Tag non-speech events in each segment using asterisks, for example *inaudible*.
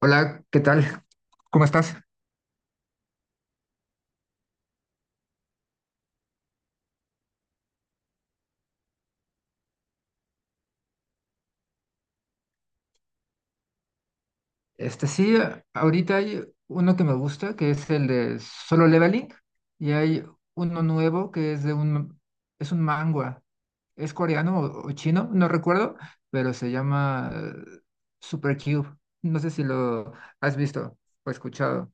Hola, ¿qué tal? ¿Cómo estás? Sí, ahorita hay uno que me gusta, que es el de Solo Leveling, y hay uno nuevo que es de un, es un manga, es coreano o chino, no recuerdo, pero se llama Super Cube. No sé si lo has visto o escuchado.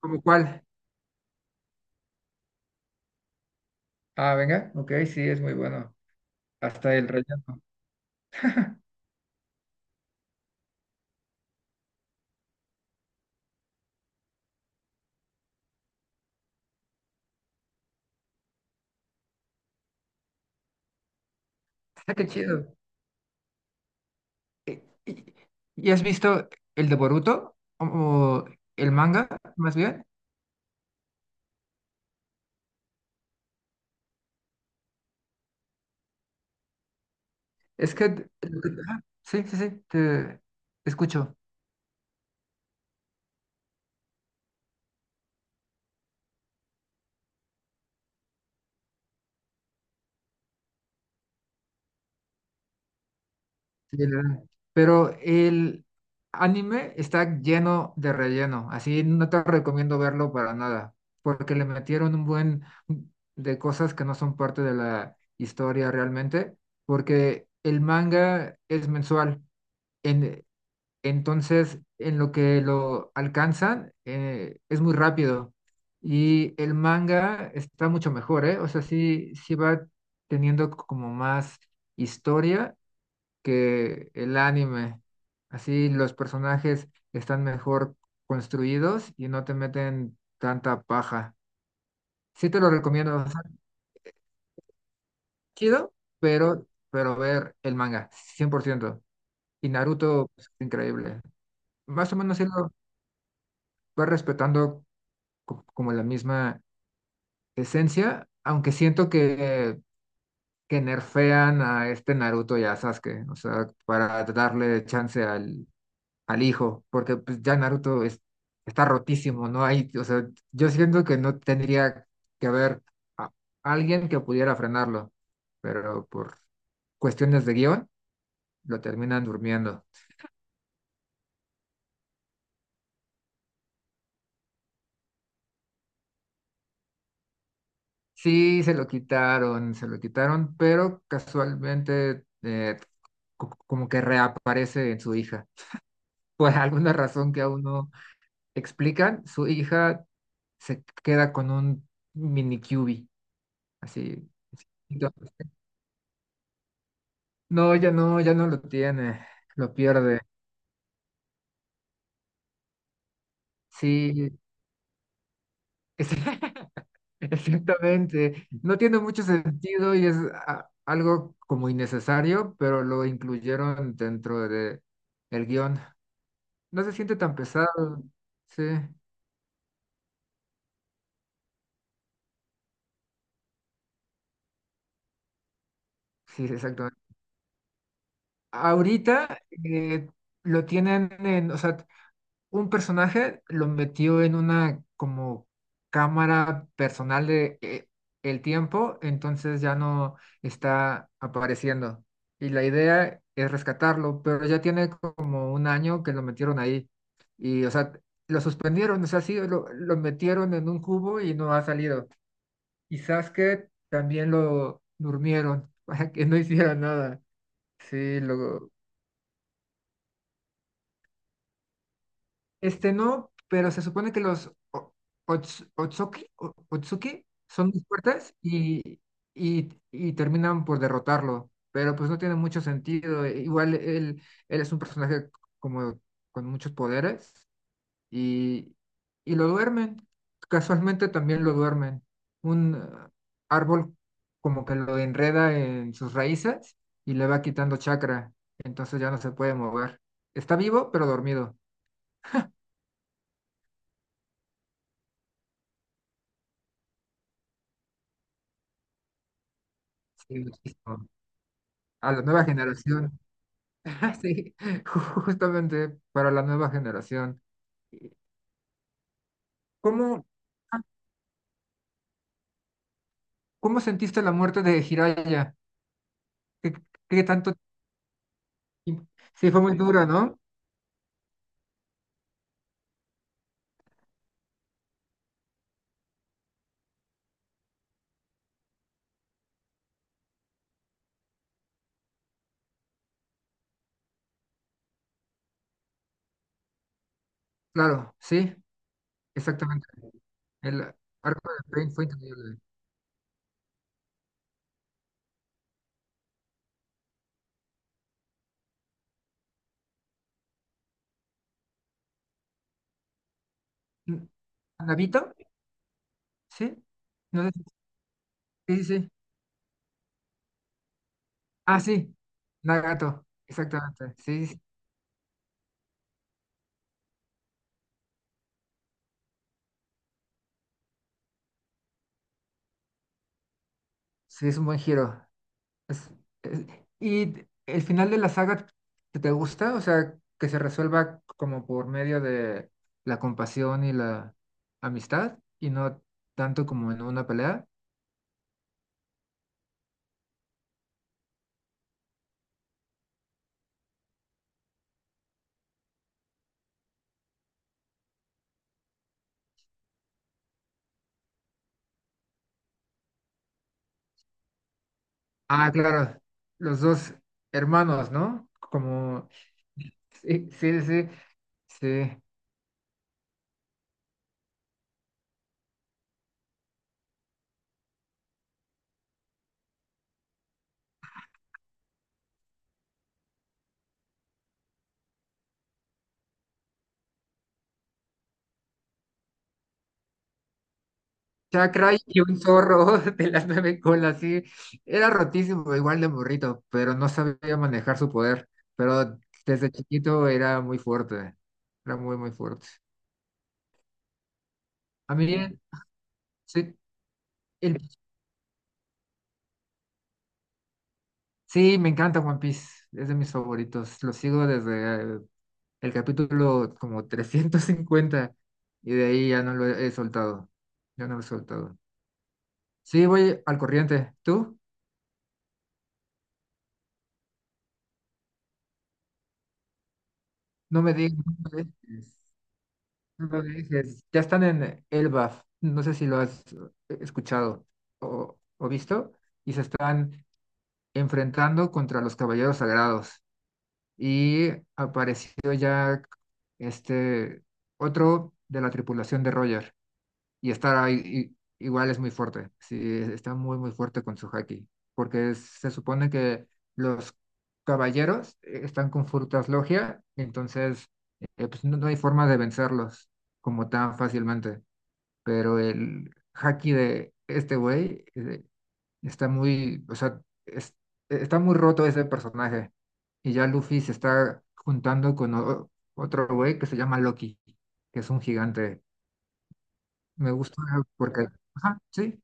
¿Cómo cuál? Ah, venga, ok, sí, es muy bueno. Hasta el relleno. Ah, qué chido. ¿Y, y- y has visto el de Boruto? ¿O el manga, más bien? Es que, ah, sí, sí, sí, te escucho. Sí, la verdad. Pero el anime está lleno de relleno, así no te recomiendo verlo para nada, porque le metieron un buen de cosas que no son parte de la historia realmente, porque el manga es mensual. En, Entonces, en lo que lo alcanzan, es muy rápido. Y el manga está mucho mejor, ¿eh? O sea, sí, sí va teniendo como más historia que el anime. Así los personajes están mejor construidos y no te meten tanta paja. Sí te lo recomiendo, o sea, chido, pero ver el manga, 100%. Y Naruto es increíble. Más o menos sí lo va respetando como la misma esencia, aunque siento que nerfean a este Naruto y a Sasuke, o sea, para darle chance al hijo, porque pues, ya está rotísimo, ¿no? Hay, o sea, yo siento que no tendría que haber a- alguien que pudiera frenarlo, pero por cuestiones de guión lo terminan durmiendo. Sí, se lo quitaron, pero casualmente como que reaparece en su hija, por alguna razón que aún no explican. Su hija se queda con un mini QB, así. Así. Entonces, no, ya no, ya no lo tiene, lo pierde. Sí, es- *laughs* exactamente. No tiene mucho sentido y es algo como innecesario, pero lo incluyeron dentro de el guión. No se siente tan pesado. Sí, sí, exactamente. Ahorita eh, lo tienen en, o sea, un personaje lo metió en una como cámara personal de el tiempo, entonces ya no está apareciendo. Y la idea es rescatarlo, pero ya tiene como un año que lo metieron ahí. Y, o sea, lo suspendieron, o sea, sí, lo metieron en un cubo y no ha salido. Y Sasuke también lo durmieron *laughs* para que no hiciera nada. Sí, lo. Este no, pero se supone que los Otsuki, Otsuki son muy fuertes y terminan por derrotarlo, pero pues no tiene mucho sentido. Igual él, él es un personaje como con muchos poderes y, y lo duermen. Casualmente también lo duermen. Un árbol como que lo enreda en sus raíces y le va quitando chakra, entonces ya no se puede mover. Está vivo, pero dormido. Sí, muchísimo, a la nueva generación. *laughs* Sí, justamente para la nueva generación. ¿Cómo, ah, cómo sentiste la muerte de Jiraiya? ¿Qué, qué tanto tiempo? Sí, fue muy dura, ¿no? Claro, sí, exactamente. El arco de Pain fue increíble. N- ¿Nabito? Sí, no sé, sí, sí. Sí. Ah, sí, Nagato, exactamente. Sí, sí, sí, es un buen giro. Es- es- ¿Y el final de la saga te, te gusta? O sea, que se resuelva como por medio de la compasión y la amistad y no tanto como en una pelea. Ah, claro, los dos hermanos, ¿no? Como, sí, sí, sí, sí. Chakra y un zorro *laughs* de las nueve colas, sí. Era rotísimo, igual de burrito, pero no sabía manejar su poder. Pero desde chiquito era muy fuerte, era muy, muy fuerte. A mí, sí, el- sí, me encanta One Piece, es de mis favoritos. Lo sigo desde el capítulo como *laughs* 350 y de ahí ya no lo he soltado. Ya no lo he soltado. Sí, voy al corriente. ¿Tú? No me digas, no me dejes, no me dejes. Ya están en Elbaf, no sé si lo has escuchado o visto, y se están enfrentando contra los Caballeros Sagrados, y apareció ya este otro de la tripulación de Roger y está ahí igual es muy fuerte, sí, está muy muy fuerte con su haki, porque se supone que los caballeros están con frutas logia, entonces pues no, no hay forma de vencerlos como tan fácilmente, pero el haki de este güey está muy, o sea, es- está muy roto ese personaje. Y ya Luffy se está juntando con otro güey que se llama Loki, que es un gigante. Me gusta porque, ajá, sí,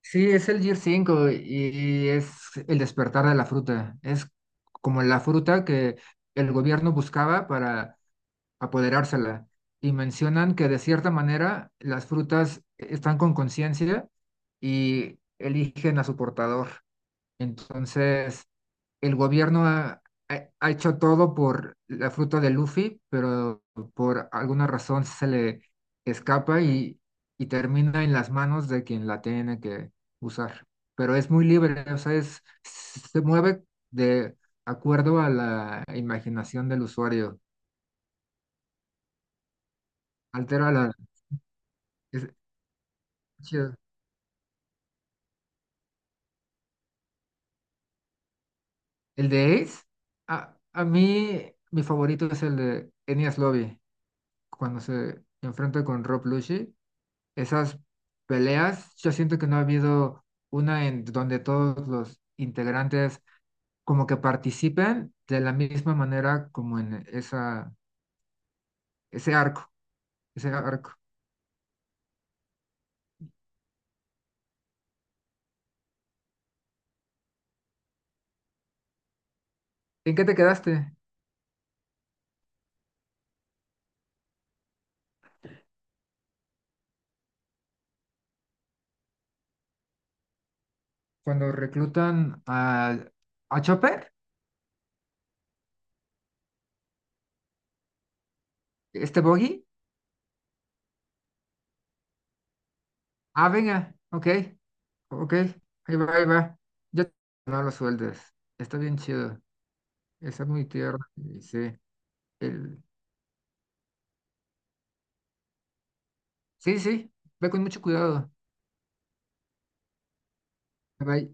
sí, es el Gear 5 y es el despertar de la fruta. Es como la fruta que el gobierno buscaba para apoderársela. Y mencionan que de cierta manera las frutas están con conciencia y eligen a su portador. Entonces, el gobierno ha hecho todo por la fruta de Luffy, pero por alguna razón se le escapa y termina en las manos de quien la tiene que usar. Pero es muy libre, o sea, se mueve de acuerdo a la imaginación del usuario. Altera la... Es chido. El de Ace, a mí mi favorito es el de Enies Lobby, cuando se enfrenta con Rob Lucci, esas peleas, yo siento que no ha habido una en donde todos los integrantes como que participen de la misma manera como en esa, ese arco, ese arco. ¿En qué te quedaste? Cuando reclutan a Chopper, este Boggy. Ah, venga, ok, ok, ahí va, ahí va. Yo no lo sueldes. Está bien chido. Está muy tierno. Y sí, el... Sí, sí, ve con mucho cuidado. Bye.